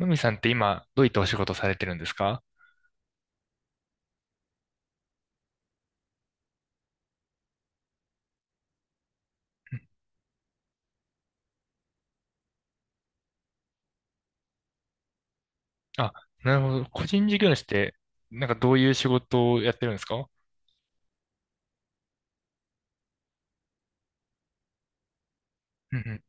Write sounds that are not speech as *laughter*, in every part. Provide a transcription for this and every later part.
のみさんって今、どういったお仕事されてるんですか？うん。あ、なるほど。個人事業主って、なんかどういう仕事をやってるんですか？うんうん。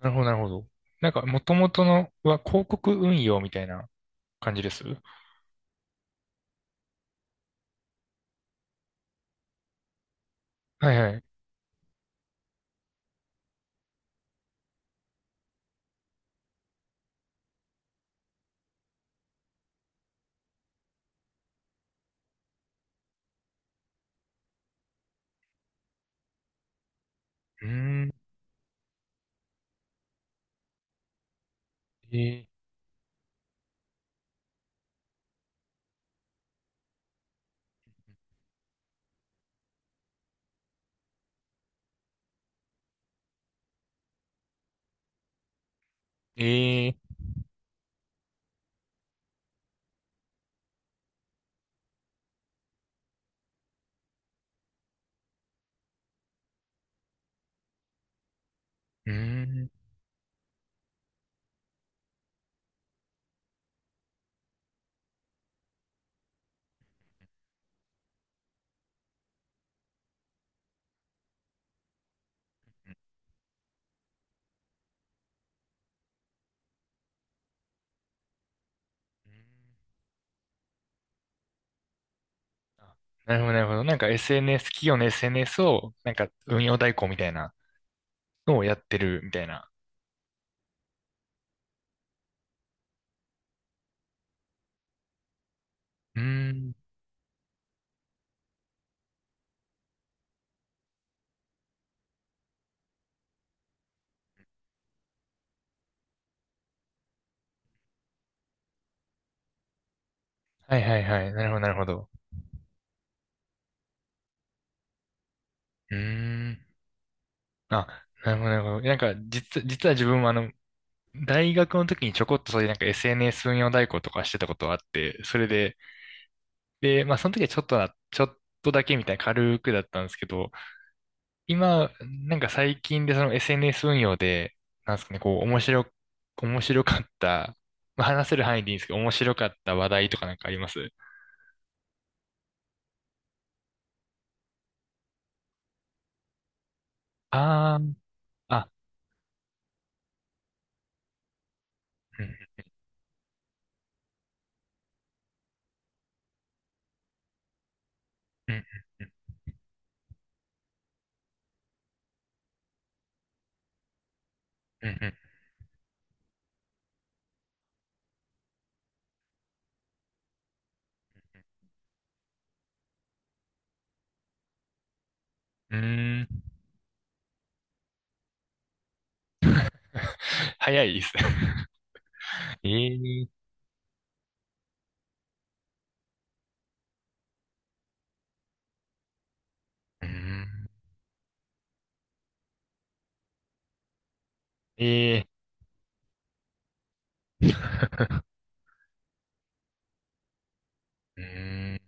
なるほど、なるほど。なんか、もともとのは広告運用みたいな感じですはいはい。うーん。えー、えー、うーん。あ、なるほど、なるほど。なんか SNS、企業の SNS を、なんか運用代行みたいなのをやってるみたいな。うーん。はいはいはい。なるほど、なるほど。うーん。あ、なるほど、なるほど。なんか、実は自分も大学の時にちょこっとそういうなんか SNS 運用代行とかしてたことがあって、それで、で、まあその時はちょっとだけみたいな軽くだったんですけど、今、なんか最近でその SNS 運用で、なんですかね、こう、面白かった、まあ話せる範囲でいいんですけど、面白かった話題とかなんかあります？あー、あ、うん、うん、うん、うん、うーん。*laughs* 早いです。*laughs* えー、うん、ええ *laughs* うーん。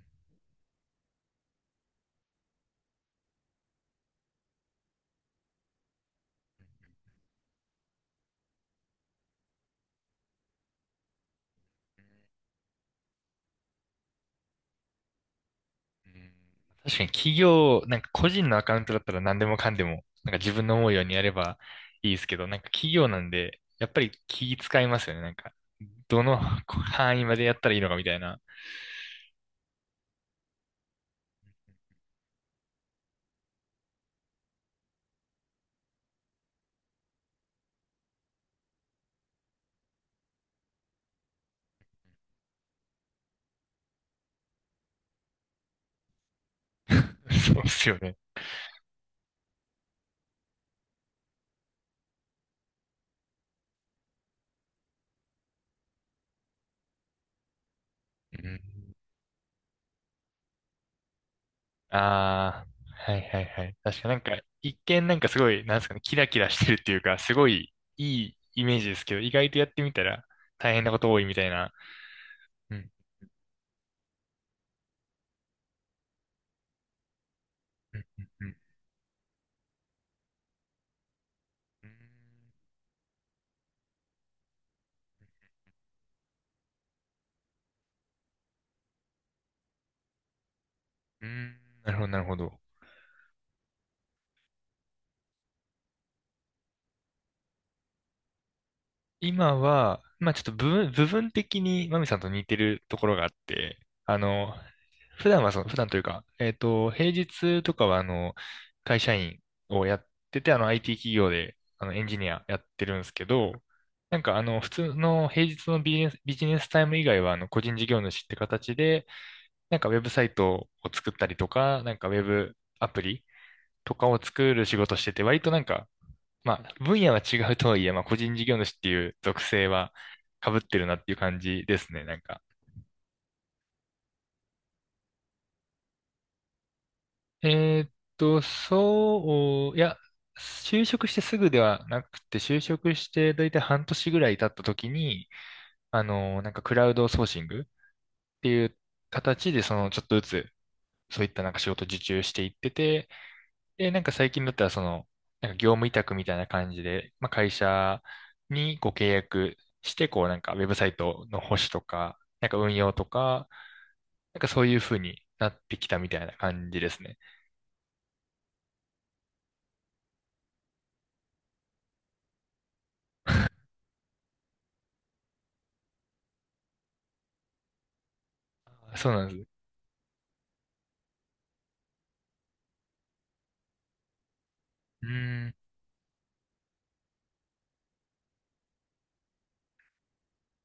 確かに企業、なんか個人のアカウントだったら何でもかんでも、なんか自分の思うようにやればいいですけど、なんか企業なんで、やっぱり気使いますよね。なんか、どのこ範囲までやったらいいのかみたいな。*laughs* そうですよね。うん。ああ、はいはいはい。確かなんか、一見なんかすごい、なんですかね、キラキラしてるっていうか、すごいいいイメージですけど、意外とやってみたら大変なこと多いみたいな。うん、うん、うん、うん。うん、うん、なるほど、なるほど。今は、まあちょっと部分的にマミさんと似てるところがあって、あの、普段はその、普段というか、平日とかはあの、会社員をやってて、あの、IT 企業で、あの、エンジニアやってるんですけど、なんかあの、普通の平日のビジネスタイム以外は、あの、個人事業主って形で、なんかウェブサイトを作ったりとか、なんかウェブアプリとかを作る仕事してて、割となんか、まあ、分野は違うとはいえ、まあ、個人事業主っていう属性は被ってるなっていう感じですね、なんか。えーっそう、いや、就職してすぐではなくて、就職してだいたい半年ぐらい経った時に、あの、なんかクラウドソーシングっていう形で、その、ちょっとずつ、そういったなんか仕事受注していってて、で、なんか最近だったら、その、なんか業務委託みたいな感じで、まあ、会社にご契約して、こう、なんかウェブサイトの保守とか、なんか運用とか、なんかそういう風になってきたみたいな感じですね。あ、そうなんです。うーん。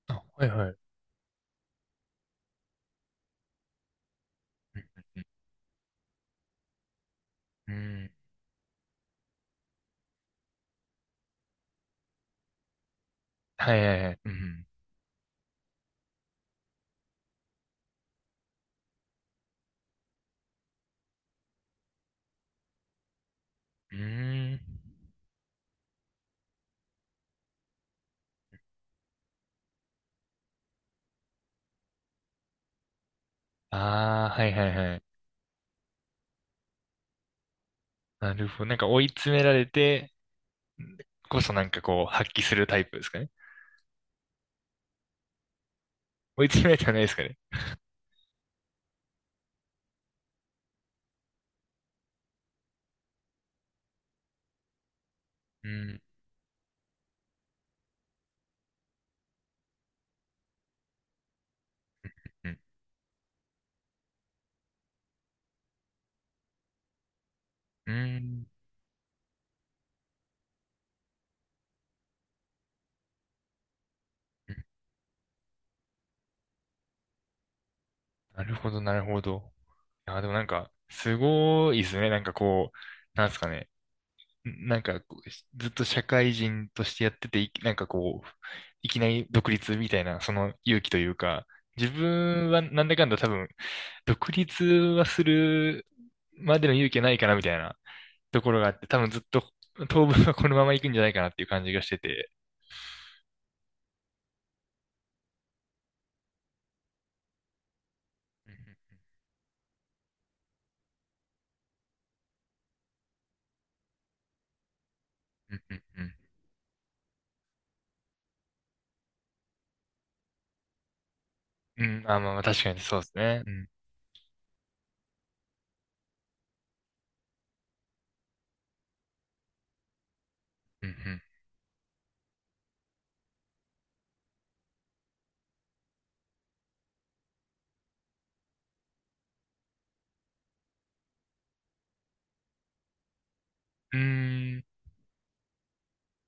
あ、はいはい。うん。はいはいはい。うん。うーん。ああ、はいはいはい。なるほど。なんか追い詰められてこそなんかこう発揮するタイプですかね。追い詰められてはないですかね。うん。うん。うん。なるほど、なるほど。あ、でもなんか、すごいですね。なんかこう、なんですかね。なんかこう、ずっと社会人としてやってて、なんかこう、いきなり独立みたいな、その勇気というか、自分はなんだかんだ多分、独立はするまでの勇気はないかなみたいなところがあって、多分ずっと当分はこのまま行くんじゃないかなっていう感じがしてて。うん、うん、うん、うん。うん、あ、まあまあ確かにそうですね。うん、うん、うん。うー、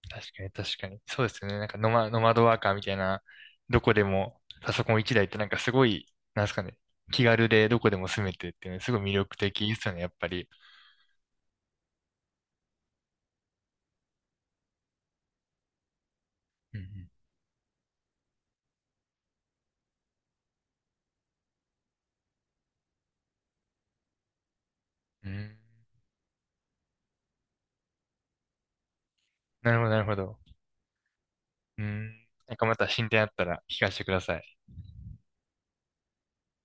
確かに、確かに。そうですよね。なんかノマドワーカーみたいな、どこでもパソコン1台ってなんかすごい、なんですかね、気軽でどこでも住めてっていうのすごい魅力的ですよね、やっぱり。うんうん。うん。なるほど、なるほど。うん。なんかまた進展あったら聞かせてください。